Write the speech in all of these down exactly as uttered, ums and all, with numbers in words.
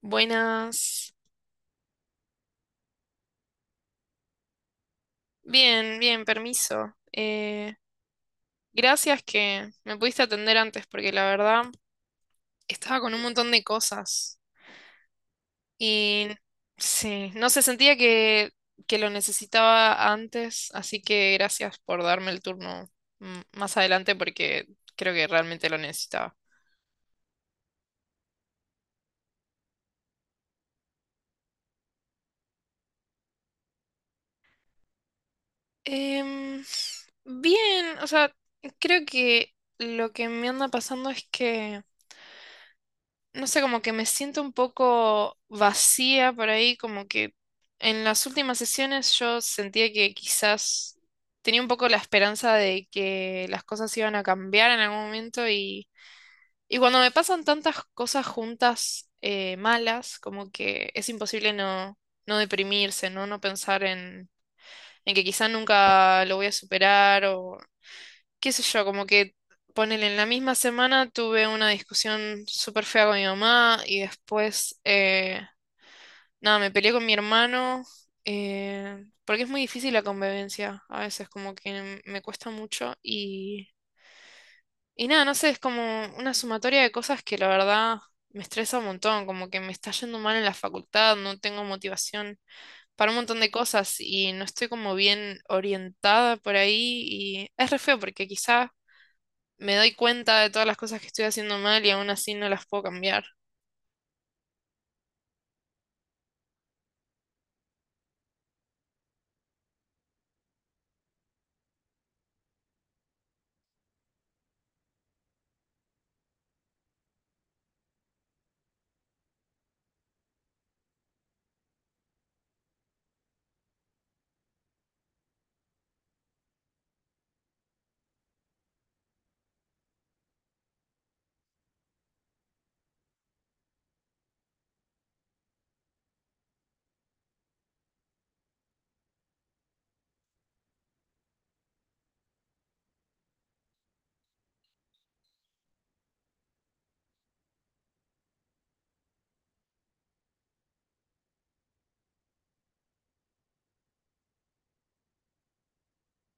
Buenas. Bien, bien, permiso. Eh, gracias que me pudiste atender antes porque la verdad estaba con un montón de cosas y sí, no se sentía que, que lo necesitaba antes, así que gracias por darme el turno mm, más adelante porque creo que realmente lo necesitaba. Em, Bien, o sea, creo que lo que me anda pasando es que no sé, como que me siento un poco vacía por ahí, como que en las últimas sesiones yo sentía que quizás tenía un poco la esperanza de que las cosas iban a cambiar en algún momento y, y cuando me pasan tantas cosas juntas eh, malas, como que es imposible no, no deprimirse, ¿no? No pensar en, en que quizás nunca lo voy a superar o qué sé yo, como que ponele en la misma semana tuve una discusión súper fea con mi mamá y después, eh, nada, me peleé con mi hermano, eh, porque es muy difícil la convivencia, a veces como que me cuesta mucho y, y nada, no sé, es como una sumatoria de cosas que la verdad me estresa un montón, como que me está yendo mal en la facultad, no tengo motivación para un montón de cosas y no estoy como bien orientada por ahí y es re feo porque quizá me doy cuenta de todas las cosas que estoy haciendo mal y aún así no las puedo cambiar.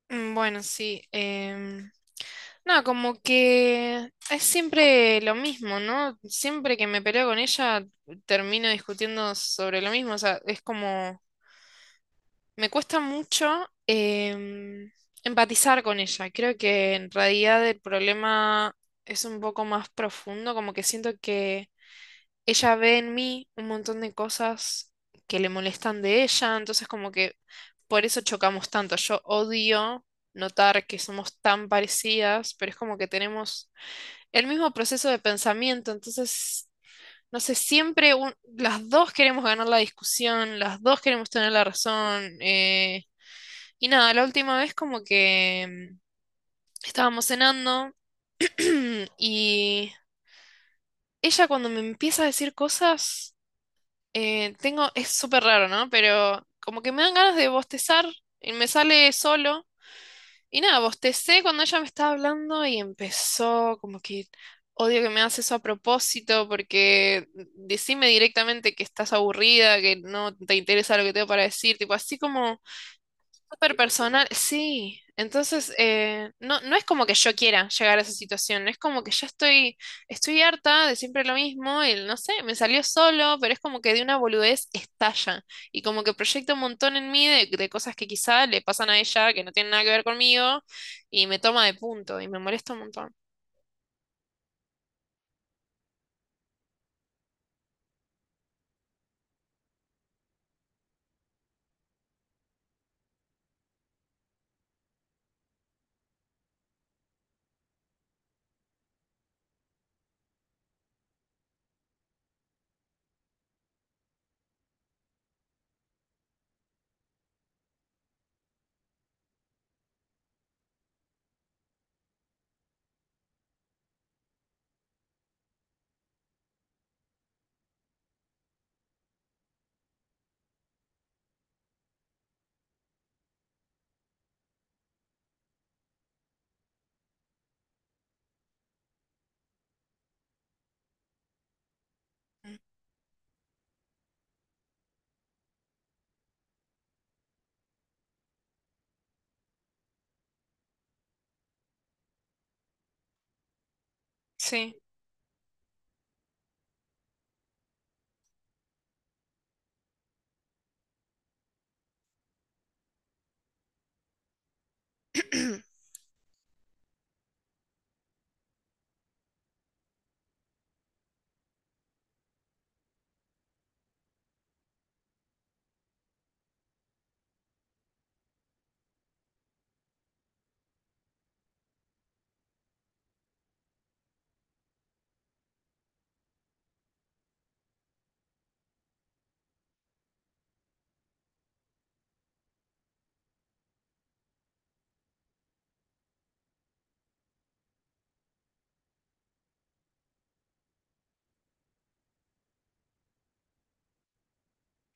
Mm, bueno, sí. Em, nada, como que es siempre lo mismo, ¿no? Siempre que me peleo con ella termino discutiendo sobre lo mismo. O sea, es como, me cuesta mucho em, empatizar con ella. Creo que en realidad el problema es un poco más profundo, como que siento que ella ve en mí un montón de cosas que le molestan de ella, entonces como que por eso chocamos tanto. Yo odio notar que somos tan parecidas, pero es como que tenemos el mismo proceso de pensamiento, entonces, no sé, siempre un- las dos queremos ganar la discusión, las dos queremos tener la razón. Eh, y nada, la última vez como que mm, estábamos cenando y ella cuando me empieza a decir cosas. Eh, tengo, es súper raro, ¿no? Pero como que me dan ganas de bostezar y me sale solo. Y nada, bostecé cuando ella me estaba hablando y empezó como que odio que me haces eso a propósito porque decime directamente que estás aburrida, que no te interesa lo que tengo para decir, tipo así como súper personal, sí. Entonces, eh, no, no es como que yo quiera llegar a esa situación, es como que ya estoy, estoy harta de siempre lo mismo, y no sé, me salió solo, pero es como que de una boludez estalla, y como que proyecta un montón en mí de, de cosas que quizá le pasan a ella, que no tienen nada que ver conmigo, y me toma de punto, y me molesta un montón. Sí,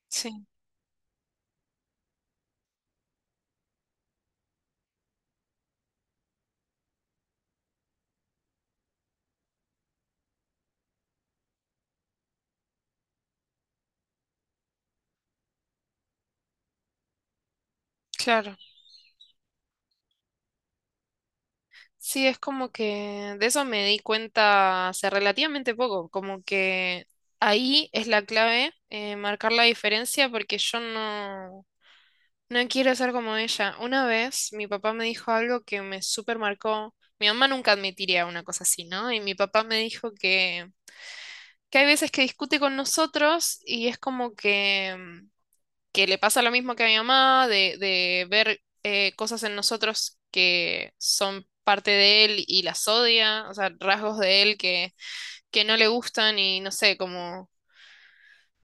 sí, claro. Sí, es como que de eso me di cuenta hace relativamente poco, como que ahí es la clave, eh, marcar la diferencia porque yo no, no quiero ser como ella. Una vez mi papá me dijo algo que me súper marcó. Mi mamá nunca admitiría una cosa así, ¿no? Y mi papá me dijo que, que hay veces que discute con nosotros y es como que que le pasa lo mismo que a mi mamá, de, de ver eh, cosas en nosotros que son parte de él y las odia, o sea, rasgos de él que, que no le gustan y no sé, como,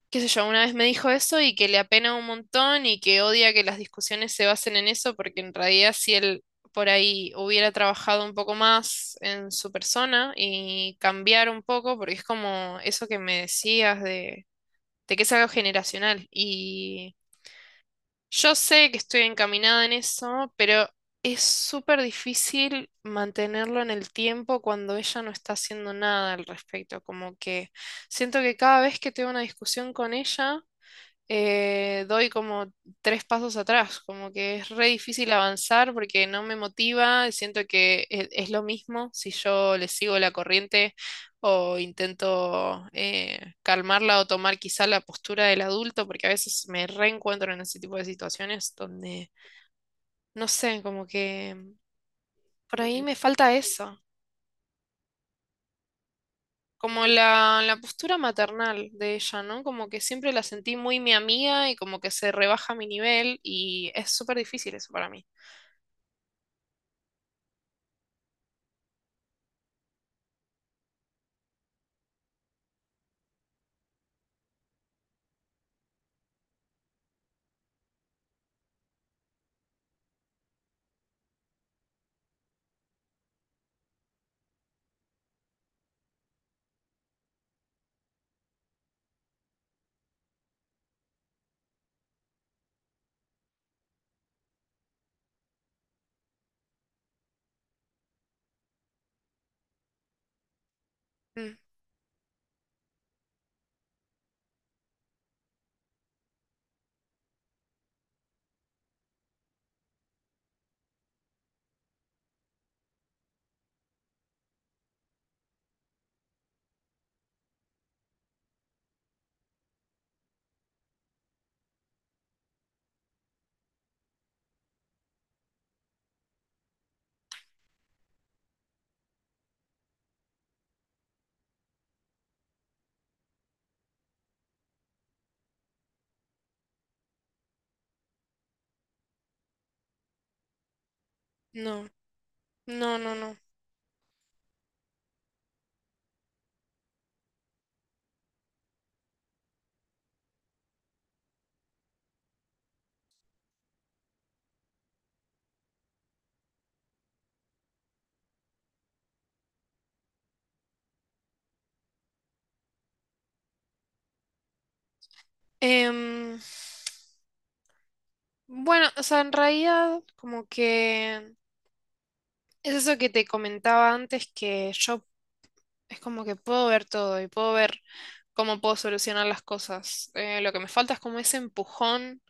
qué sé yo, una vez me dijo eso y que le apena un montón y que odia que las discusiones se basen en eso, porque en realidad si él por ahí hubiera trabajado un poco más en su persona y cambiar un poco, porque es como eso que me decías de, de que es algo generacional y yo sé que estoy encaminada en eso, pero es súper difícil mantenerlo en el tiempo cuando ella no está haciendo nada al respecto. Como que siento que cada vez que tengo una discusión con ella, eh, doy como tres pasos atrás, como que es re difícil avanzar porque no me motiva, siento que e- es, lo mismo si yo le sigo la corriente o intento eh, calmarla o tomar quizá la postura del adulto, porque a veces me reencuentro en ese tipo de situaciones donde, no sé, como que por ahí me falta eso. Como la, la postura maternal de ella, ¿no? Como que siempre la sentí muy mi amiga y como que se rebaja mi nivel y es súper difícil eso para mí. Mm, no, no, no, no. Em, bueno, o sea, en realidad como que es eso que te comentaba antes, que yo es como que puedo ver todo y puedo ver cómo puedo solucionar las cosas. Eh, lo que me falta es como ese empujón,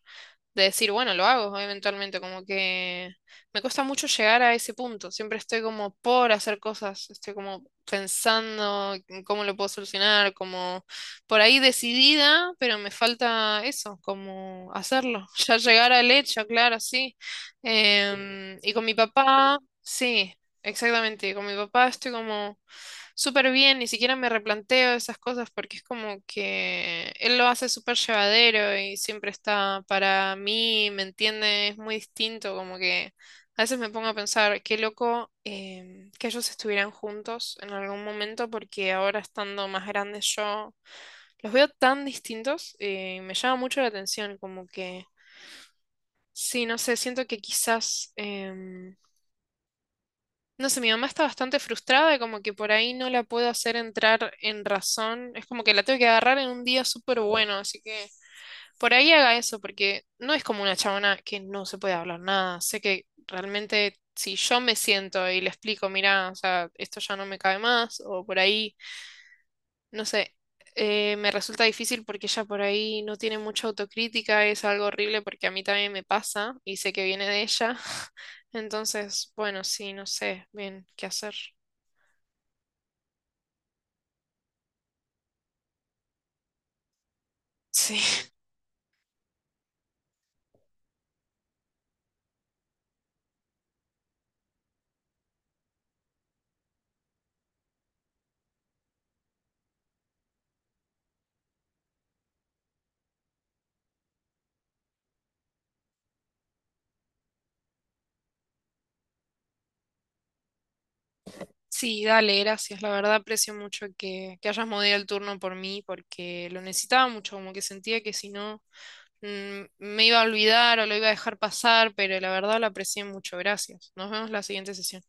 de decir, bueno, lo hago eventualmente, como que me cuesta mucho llegar a ese punto, siempre estoy como por hacer cosas, estoy como pensando en cómo lo puedo solucionar, como por ahí decidida, pero me falta eso, como hacerlo, ya llegar al hecho, claro, sí. Em, y con mi papá, sí, exactamente, con mi papá estoy como súper bien, ni siquiera me replanteo esas cosas porque es como que él lo hace súper llevadero y siempre está para mí, ¿me entiende? Es muy distinto, como que a veces me pongo a pensar, qué loco em, que ellos estuvieran juntos en algún momento porque ahora estando más grandes yo los veo tan distintos eh, y me llama mucho la atención, como que sí, no sé, siento que quizás. Em, no sé, mi mamá está bastante frustrada, como que por ahí no la puedo hacer entrar en razón. Es como que la tengo que agarrar en un día súper bueno, así que por ahí haga eso, porque no es como una chabona que no se puede hablar nada. Sé que realmente si yo me siento y le explico, mira, o sea, esto ya no me cabe más, o por ahí, no sé, eh, me resulta difícil porque ella por ahí no tiene mucha autocrítica, es algo horrible porque a mí también me pasa y sé que viene de ella. Entonces, bueno, sí, no sé bien qué hacer. Sí, sí, dale, gracias. La verdad aprecio mucho que, que hayas movido el turno por mí porque lo necesitaba mucho, como que sentía que si no mm, me iba a olvidar o lo iba a dejar pasar, pero la verdad lo aprecié mucho. Gracias. Nos vemos la siguiente sesión.